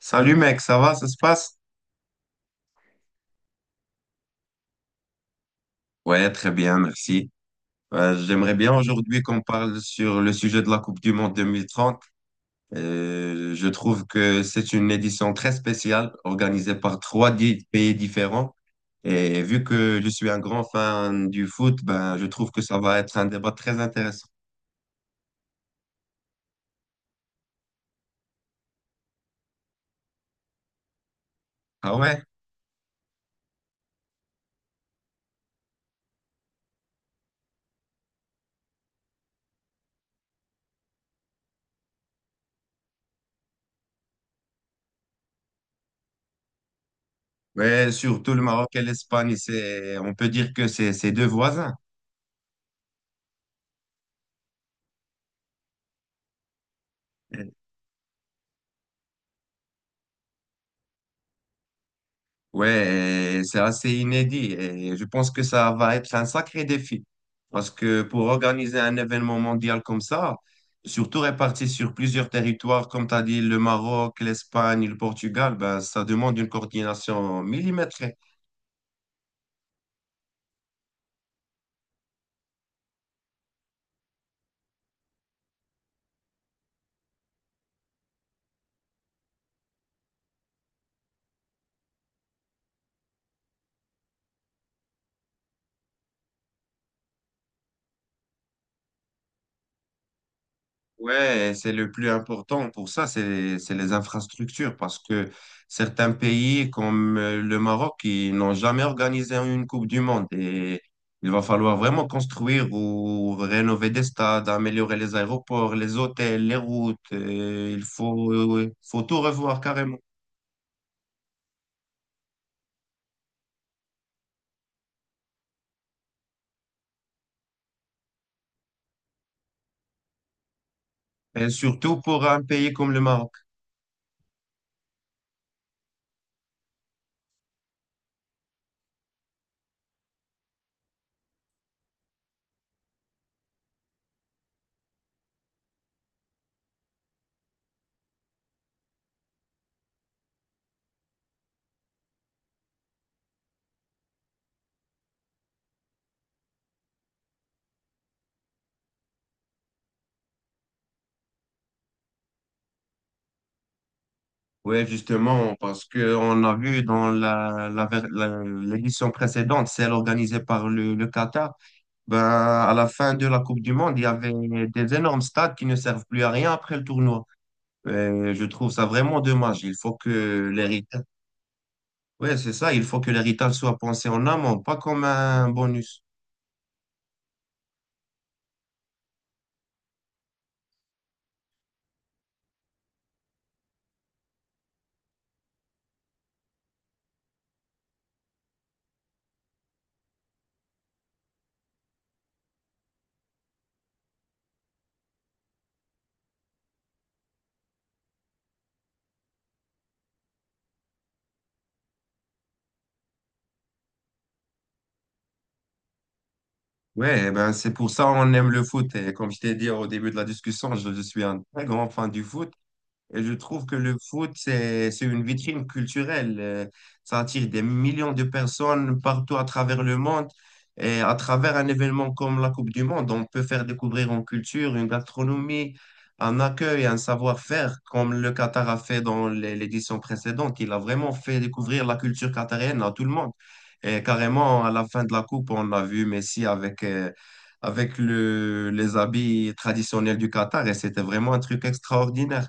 Salut mec, ça va, ça se passe? Ouais, très bien, merci. J'aimerais bien aujourd'hui qu'on parle sur le sujet de la Coupe du Monde 2030. Je trouve que c'est une édition très spéciale organisée par pays différents. Et vu que je suis un grand fan du foot, ben, je trouve que ça va être un débat très intéressant. Ah ouais? Ouais, surtout le Maroc et l'Espagne, on peut dire que c'est deux voisins. Ouais, et c'est assez inédit et je pense que ça va être un sacré défi. Parce que pour organiser un événement mondial comme ça, surtout réparti sur plusieurs territoires, comme tu as dit, le Maroc, l'Espagne, le Portugal, ben, ça demande une coordination millimétrée. Ouais, c'est le plus important pour ça, c'est les infrastructures, parce que certains pays comme le Maroc, ils n'ont jamais organisé une Coupe du Monde et il va falloir vraiment construire ou rénover des stades, améliorer les aéroports, les hôtels, les routes. Il faut, faut tout revoir carrément. Et surtout pour un pays comme le Maroc. Oui, justement, parce que on a vu dans l'édition précédente, celle organisée par le Qatar, ben, à la fin de la Coupe du Monde, il y avait des énormes stades qui ne servent plus à rien après le tournoi. Et je trouve ça vraiment dommage. Il faut que l'héritage, ouais, c'est ça, il faut que l'héritage soit pensé en amont, pas comme un bonus. Ouais, eh ben, c'est pour ça on aime le foot. Et comme je t'ai dit au début de la discussion, je suis un très grand fan du foot. Et je trouve que le foot, c'est une vitrine culturelle. Ça attire des millions de personnes partout à travers le monde. Et à travers un événement comme la Coupe du Monde, on peut faire découvrir une culture, une gastronomie, un accueil, un savoir-faire, comme le Qatar a fait dans l'édition précédente. Il a vraiment fait découvrir la culture qatarienne à tout le monde. Et carrément, à la fin de la Coupe, on a vu Messi avec, avec les habits traditionnels du Qatar et c'était vraiment un truc extraordinaire.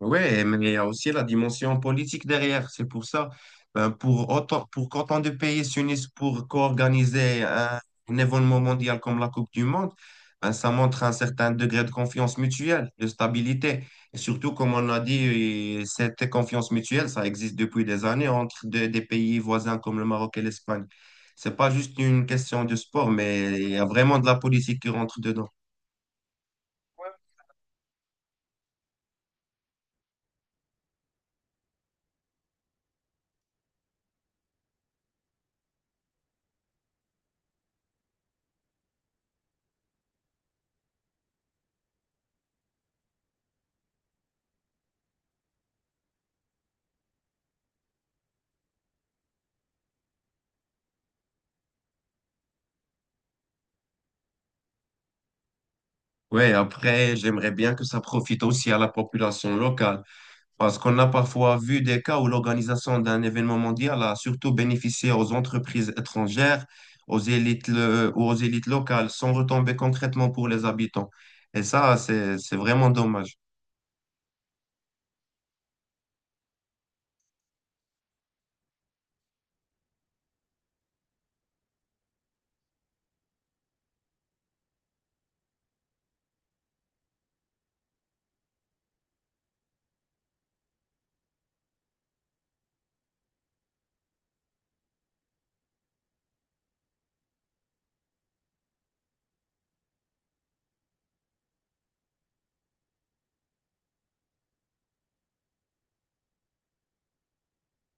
Ouais, mais il y a aussi la dimension politique derrière. C'est pour ça, ben, pour autant, pour qu'autant de pays s'unissent pour co-organiser un événement mondial comme la Coupe du Monde, ben, ça montre un certain degré de confiance mutuelle, de stabilité. Et surtout, comme on a dit, eh, cette confiance mutuelle, ça existe depuis des années entre des pays voisins comme le Maroc et l'Espagne. C'est pas juste une question de sport, mais il y a vraiment de la politique qui rentre dedans. Ouais, après, j'aimerais bien que ça profite aussi à la population locale. Parce qu'on a parfois vu des cas où l'organisation d'un événement mondial a surtout bénéficié aux entreprises étrangères, ou aux élites locales, sans retomber concrètement pour les habitants. Et ça, c'est vraiment dommage.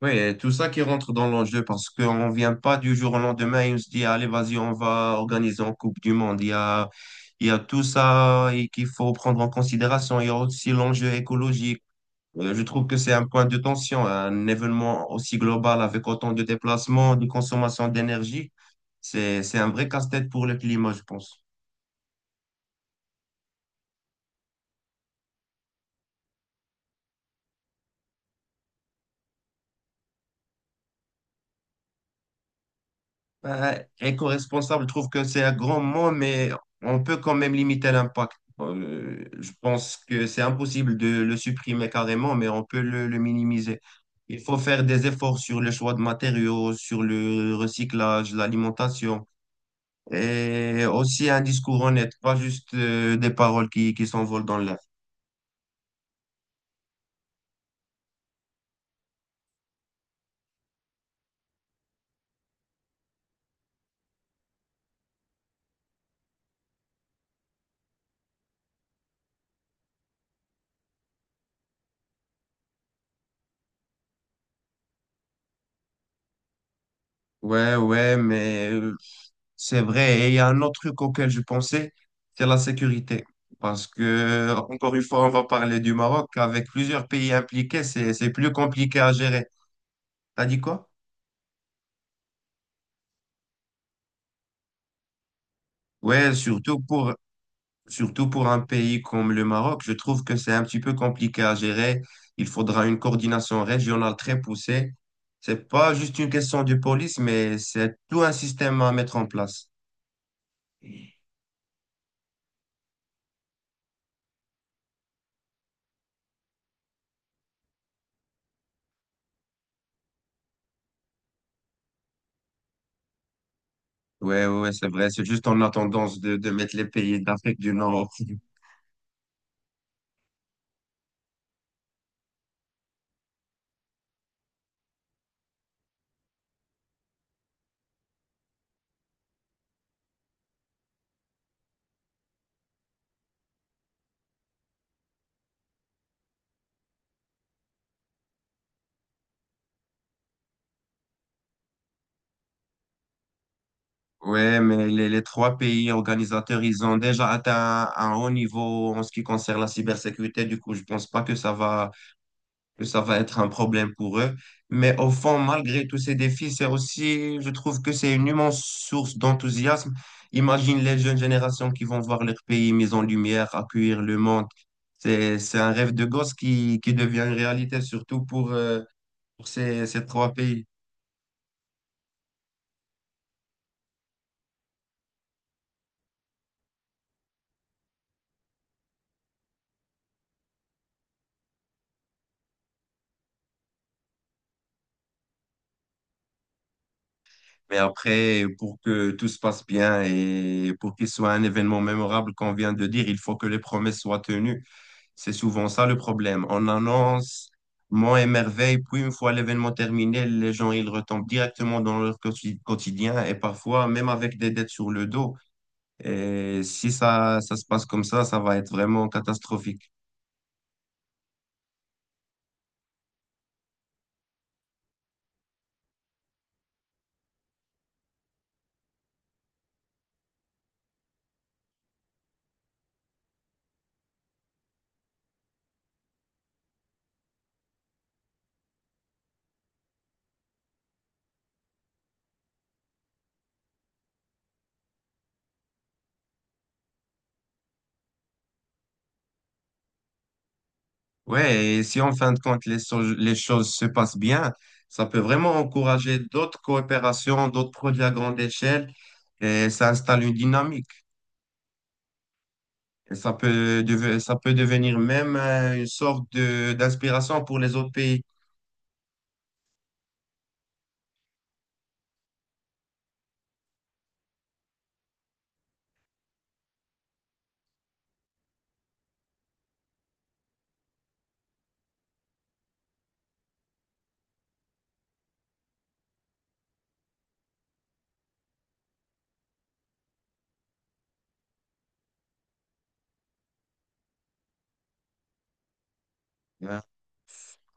Oui, et tout ça qui rentre dans l'enjeu parce qu'on ne vient pas du jour au lendemain et on se dit, allez, vas-y, on va organiser une Coupe du Monde. Il y a tout ça et qu'il faut prendre en considération. Il y a aussi l'enjeu écologique. Je trouve que c'est un point de tension, un événement aussi global avec autant de déplacements, de consommation d'énergie. C'est un vrai casse-tête pour le climat, je pense. Ben, éco-responsable, je trouve que c'est un grand mot, mais on peut quand même limiter l'impact. Je pense que c'est impossible de le supprimer carrément, mais on peut le minimiser. Il faut faire des efforts sur le choix de matériaux, sur le recyclage, l'alimentation. Et aussi un discours honnête, pas juste des paroles qui s'envolent dans l'air. Ouais, ouais, mais c'est vrai. Et il y a un autre truc auquel je pensais, c'est la sécurité. Parce que, encore une fois, on va parler du Maroc. Avec plusieurs pays impliqués, c'est plus compliqué à gérer. T'as dit quoi? Ouais, surtout pour, surtout pour un pays comme le Maroc, je trouve que c'est un petit peu compliqué à gérer. Il faudra une coordination régionale très poussée. C'est pas juste une question de police, mais c'est tout un système à mettre en place. Ouais, ouais, ouais, c'est vrai. C'est juste en a tendance de mettre les pays d'Afrique du Nord. Ouais, mais les trois pays organisateurs, ils ont déjà atteint un haut niveau en ce qui concerne la cybersécurité. Du coup, je pense pas que ça va que ça va être un problème pour eux. Mais au fond, malgré tous ces défis, c'est aussi, je trouve que c'est une immense source d'enthousiasme. Imagine les jeunes générations qui vont voir leur pays mis en lumière, accueillir le monde. C'est un rêve de gosse qui devient une réalité, surtout pour ces trois pays. Mais après, pour que tout se passe bien et pour qu'il soit un événement mémorable qu'on vient de dire, il faut que les promesses soient tenues. C'est souvent ça le problème. On annonce Mont et merveille, puis une fois l'événement terminé, les gens ils retombent directement dans leur quotidien et parfois même avec des dettes sur le dos. Et si ça, ça se passe comme ça va être vraiment catastrophique. Ouais, et si en fin de compte les choses se passent bien, ça peut vraiment encourager d'autres coopérations, d'autres projets à grande échelle et ça installe une dynamique. Et ça peut, ça peut devenir même une sorte de d'inspiration pour les autres pays. Euh,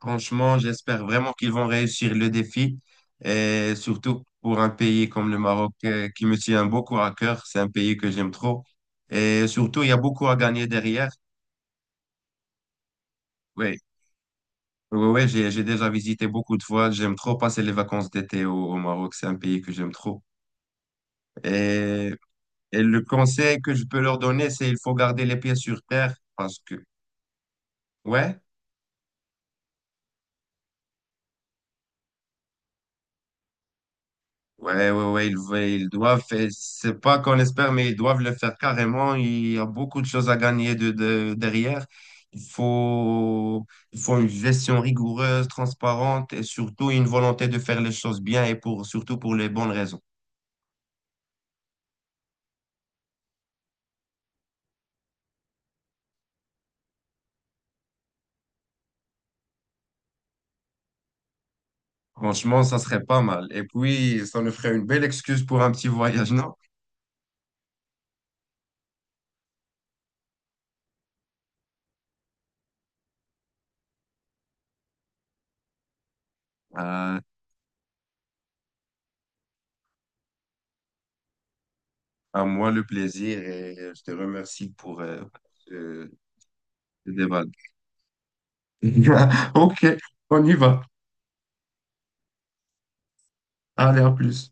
Franchement, j'espère vraiment qu'ils vont réussir le défi, et surtout pour un pays comme le Maroc qui me tient beaucoup à cœur. C'est un pays que j'aime trop. Et surtout, il y a beaucoup à gagner derrière. Oui, oui, oui, j'ai déjà visité beaucoup de fois. J'aime trop passer les vacances d'été au Maroc. C'est un pays que j'aime trop. Et, et le conseil que je peux leur donner, c'est il faut garder les pieds sur terre parce que, ouais. Ouais, ouais, ouais, ils doivent, et c'est pas qu'on espère, mais ils doivent le faire carrément. Il y a beaucoup de choses à gagner derrière. Il faut, il faut une gestion rigoureuse, transparente et surtout une volonté de faire les choses bien et pour, surtout pour les bonnes raisons. Franchement, ça serait pas mal. Et puis, ça nous ferait une belle excuse pour un petit voyage, non? Euh, à moi le plaisir et je te remercie pour ce ce débat. Ok, on y va. Allez, à plus.